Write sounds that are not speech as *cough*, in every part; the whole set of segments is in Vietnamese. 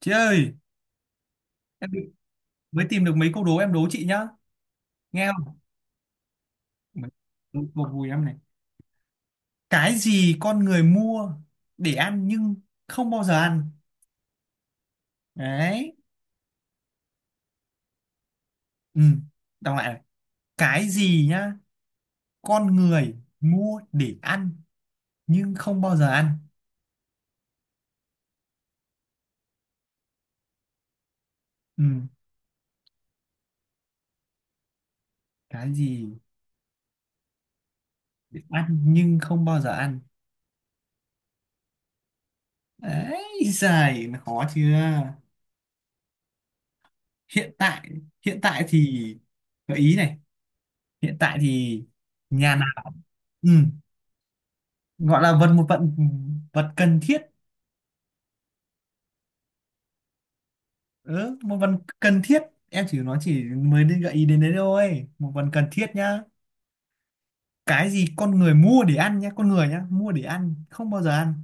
Chị ơi, em định- mới tìm được mấy câu đố em đố chị nhá. Nghe không? Một vùi em này. Cái gì con người mua để ăn nhưng không bao giờ ăn? Đấy. Ừ, đọc lại này. Cái gì nhá? Con người mua để ăn nhưng không bao giờ ăn. Ừ, cái gì để ăn nhưng không bao giờ ăn? Đấy, dài khó chưa? Hiện tại, hiện tại thì gợi ý này. Hiện tại thì nhà nào? Ừ. Gọi là vật một vật vật cần thiết. Ừ, một vật cần thiết, em chỉ nói chỉ mới đi gợi ý đến đấy thôi, một vật cần thiết nhá. Cái gì con người mua để ăn nhá, con người nhá, mua để ăn không bao giờ ăn.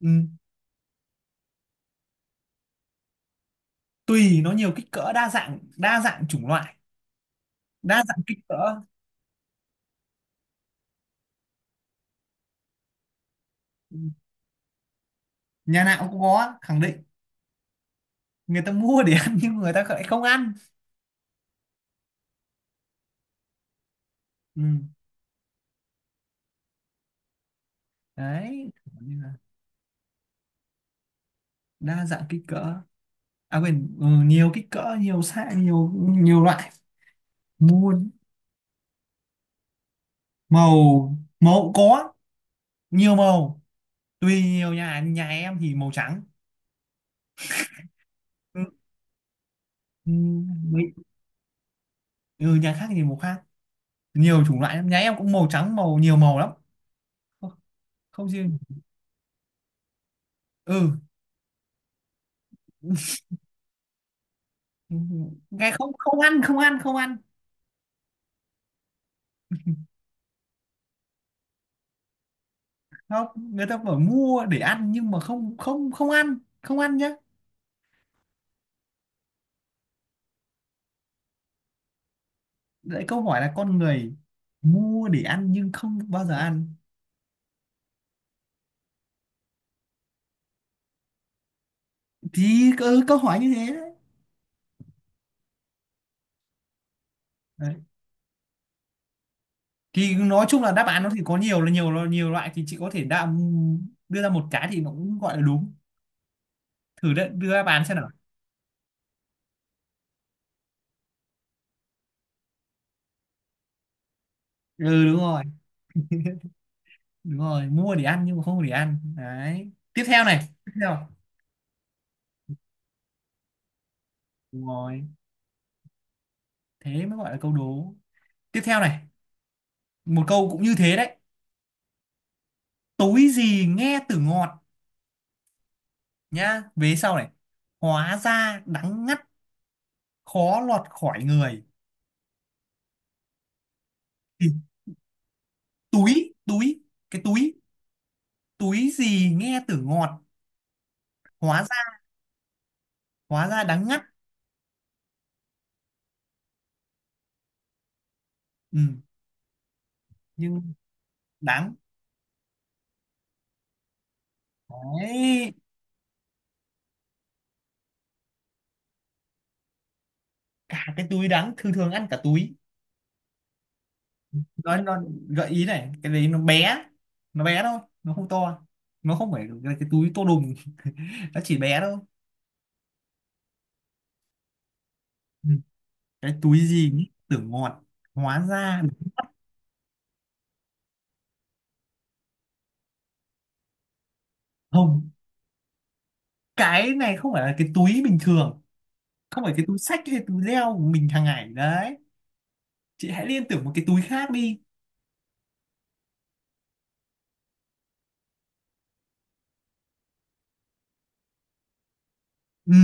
Ừ. Tùy, nó nhiều kích cỡ, đa dạng, đa dạng chủng loại, đa dạng kích cỡ. Ừ. Nhà nào cũng có, khẳng định. Người ta mua để ăn *laughs* nhưng người ta lại không ăn. Ừ. Đấy kiểu như là đa dạng kích cỡ. À quên, ừ, nhiều kích cỡ, nhiều size, nhiều nhiều loại mua. Màu màu có, nhiều màu, tùy, nhiều nhà, nhà em thì màu trắng. Ừ, ừ, mấy- ừ, nhà khác thì màu khác, nhiều chủng loại lắm. Nhà em cũng màu trắng, màu, nhiều màu lắm. Không, không riêng. Ừ. *laughs* Ừ, nghe không, không ăn, không ăn, không ăn. Không, người ta bảo mua để ăn nhưng mà không không không ăn, không ăn nhá. Đấy, câu hỏi là con người mua để ăn nhưng không bao giờ ăn thì ừ, câu hỏi như thế đấy. Thì nói chung là đáp án nó thì có nhiều, là nhiều, nhiều loại, thì chị có thể đưa ra một cái thì nó cũng gọi là đúng. Thử đưa đáp án xem nào. Ừ, đúng rồi. Đúng rồi, mua để ăn nhưng mà không để ăn đấy, tiếp theo này, tiếp theo. Đúng rồi, thế mới gọi là câu đố. Tiếp theo này, một câu cũng như thế đấy. Túi gì nghe từ ngọt, nhá vế sau này, hóa ra đắng ngắt, khó lọt khỏi người. Thì túi túi, cái túi túi gì nghe từ ngọt, hóa ra hóa ra đắng ngắt. Ừ. Nhưng đắng, đấy, cả cái túi đắng, thường thường ăn cả túi. Nó gợi ý này, cái đấy nó bé, nó bé thôi, nó không to, nó không phải là cái túi to đùng, *laughs* nó chỉ bé thôi. Ừ. Cái túi gì nhỉ? Tưởng ngọt, hóa ra, không, cái này không phải là cái túi bình thường, không phải cái túi xách hay túi leo của mình hàng ngày đấy. Chị hãy liên tưởng một cái túi khác đi. Ừ,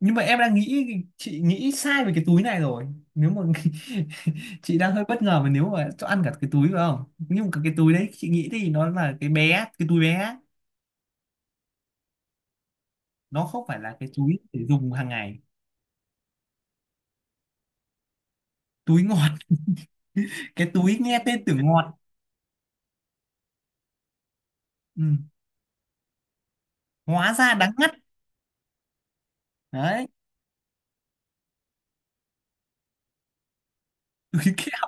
nhưng mà em đang nghĩ chị nghĩ sai về cái túi này rồi. Nếu mà *laughs* chị đang hơi bất ngờ, mà nếu mà cho ăn cả cái túi phải không, nhưng mà cái túi đấy chị nghĩ thì nó là cái bé, cái túi bé, nó không phải là cái túi để dùng hàng ngày. Túi ngọt, *laughs* cái túi nghe tên tưởng ngọt. Ừ. Hóa ra đắng ngắt đấy, *laughs* túi kẹo.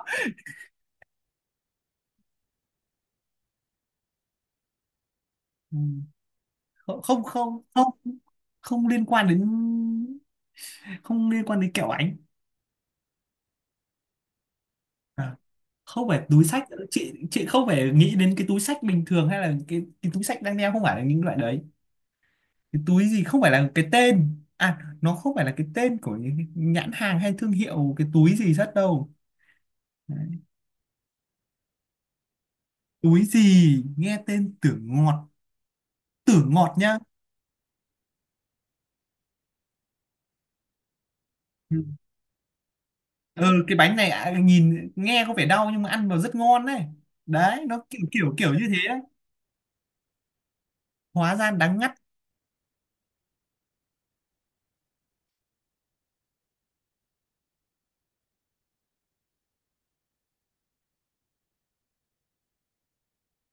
Ừ. không không không không không liên quan đến, không liên quan đến kẹo ánh. À, không phải túi sách, chị không phải nghĩ đến cái túi sách bình thường hay là cái túi sách đang đeo, không phải là những loại đấy. Cái túi gì không phải là cái tên, à nó không phải là cái tên của những cái nhãn hàng hay thương hiệu cái túi gì rất đâu. Đấy. Túi gì nghe tên tưởng ngọt, tưởng ngọt nhá. Ừ. Ừ, cái bánh này à, nhìn nghe có vẻ đau nhưng mà ăn vào rất ngon đấy, đấy nó kiểu kiểu kiểu như thế đấy. Hóa ra đắng ngắt.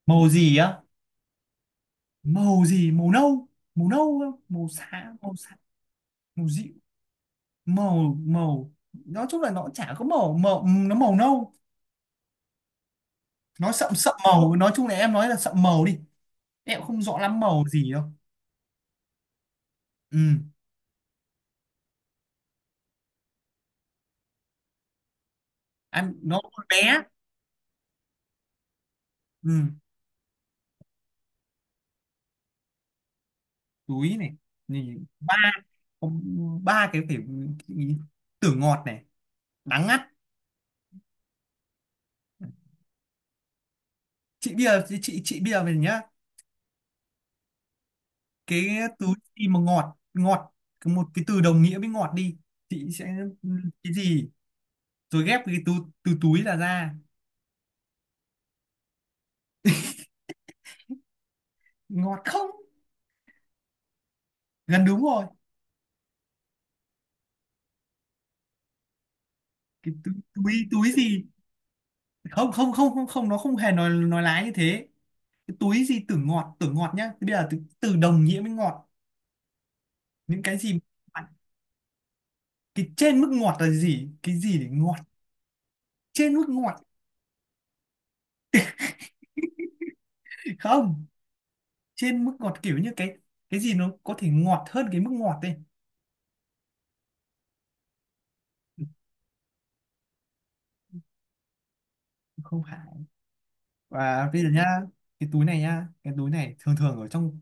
Màu gì á? Màu gì, màu nâu, màu nâu á, màu xám, màu xám, màu dịu, màu màu, nói chung là nó chả có màu, màu nó màu nâu, nó sậm sậm màu, nói chung là em nói là sậm màu đi. Em cũng không rõ lắm màu gì đâu. Ừ. Em nó còn bé. Ừ, túi này nhìn ba, có ba cái phải, cái- tưởng ngọt này, đắng ngắt. Chị bây giờ, chị bây giờ về nhá. Cái túi gì mà ngọt, ngọt, cái, một cái từ đồng nghĩa với ngọt đi. Chị sẽ, cái gì, rồi ghép cái từ, từ túi là ra. Ngọt không? Gần đúng rồi. Cái túi, túi, túi gì? Không không không không không nó không hề nói lái như thế. Cái túi gì từ ngọt, từ ngọt nhá, thế bây giờ từ đồng nghĩa với ngọt những cái gì. Cái trên mức ngọt là gì, cái gì để ngọt? Trên mức ngọt, không, trên mức ngọt kiểu như cái gì nó có thể ngọt hơn cái mức ngọt đây. Không phải. Và bây giờ nhá, cái túi này nhá, cái túi này thường thường ở trong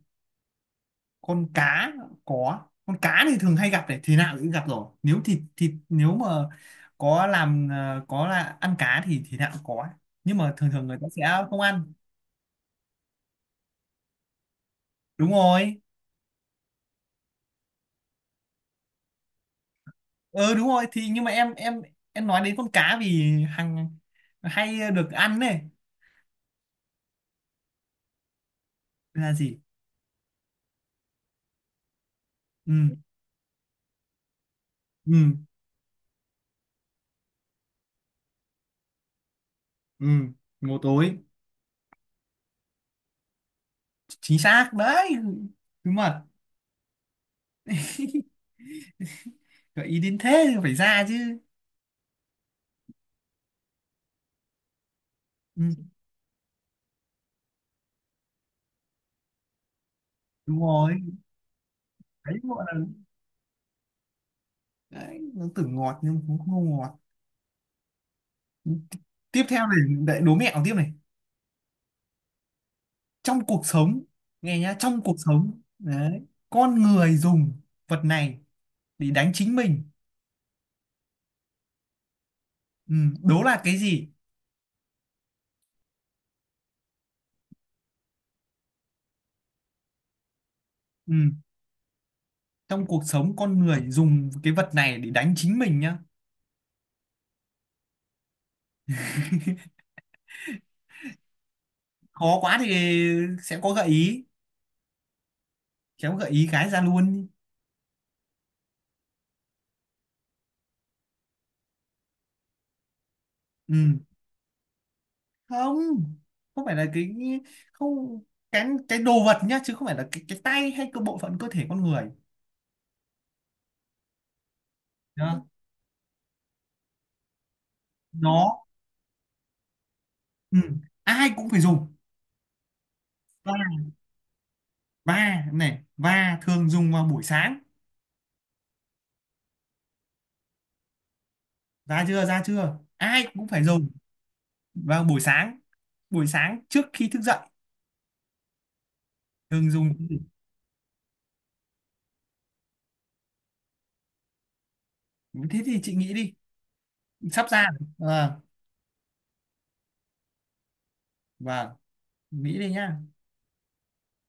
con cá, có con cá thì thường hay gặp này, thì nào cũng gặp rồi nếu thịt thịt nếu mà có làm, có là ăn cá thì nào cũng có, nhưng mà thường thường người ta sẽ không ăn. Đúng rồi. Ờ Đúng rồi thì, nhưng mà em nói đến con cá vì hàng, hay được ăn này. Là gì? Ừ ừ ừ, ngô tối. Chính xác đấy, đúng mà, gợi ý đến thế thì phải ra chứ. Ừ, đúng rồi, đấy gọi là, đấy nó tưởng ngọt nhưng cũng không ngọt. Tiếp theo này, lại đố mẹo tiếp này. Trong cuộc sống, nghe nhá, trong cuộc sống đấy, con người dùng vật này để đánh chính mình. Ừ, đố là cái gì. Ừ, trong cuộc sống con người dùng cái vật này để đánh chính mình nhá. Khó quá thì sẽ có gợi ý, khéo gợi ý cái ra luôn. Ừ, không, không phải là cái, không, cái đồ vật nhá, chứ không phải là cái tay hay cái bộ phận cơ thể con người đó. Nó, ừ. Ai cũng phải dùng, và và này, và thường dùng vào buổi sáng. Ra chưa? Ra chưa? Ai cũng phải dùng vào buổi sáng, buổi sáng trước khi thức dậy, thường dùng. Thế thì chị nghĩ đi, sắp ra rồi. Ờ. Và nghĩ đi nhá.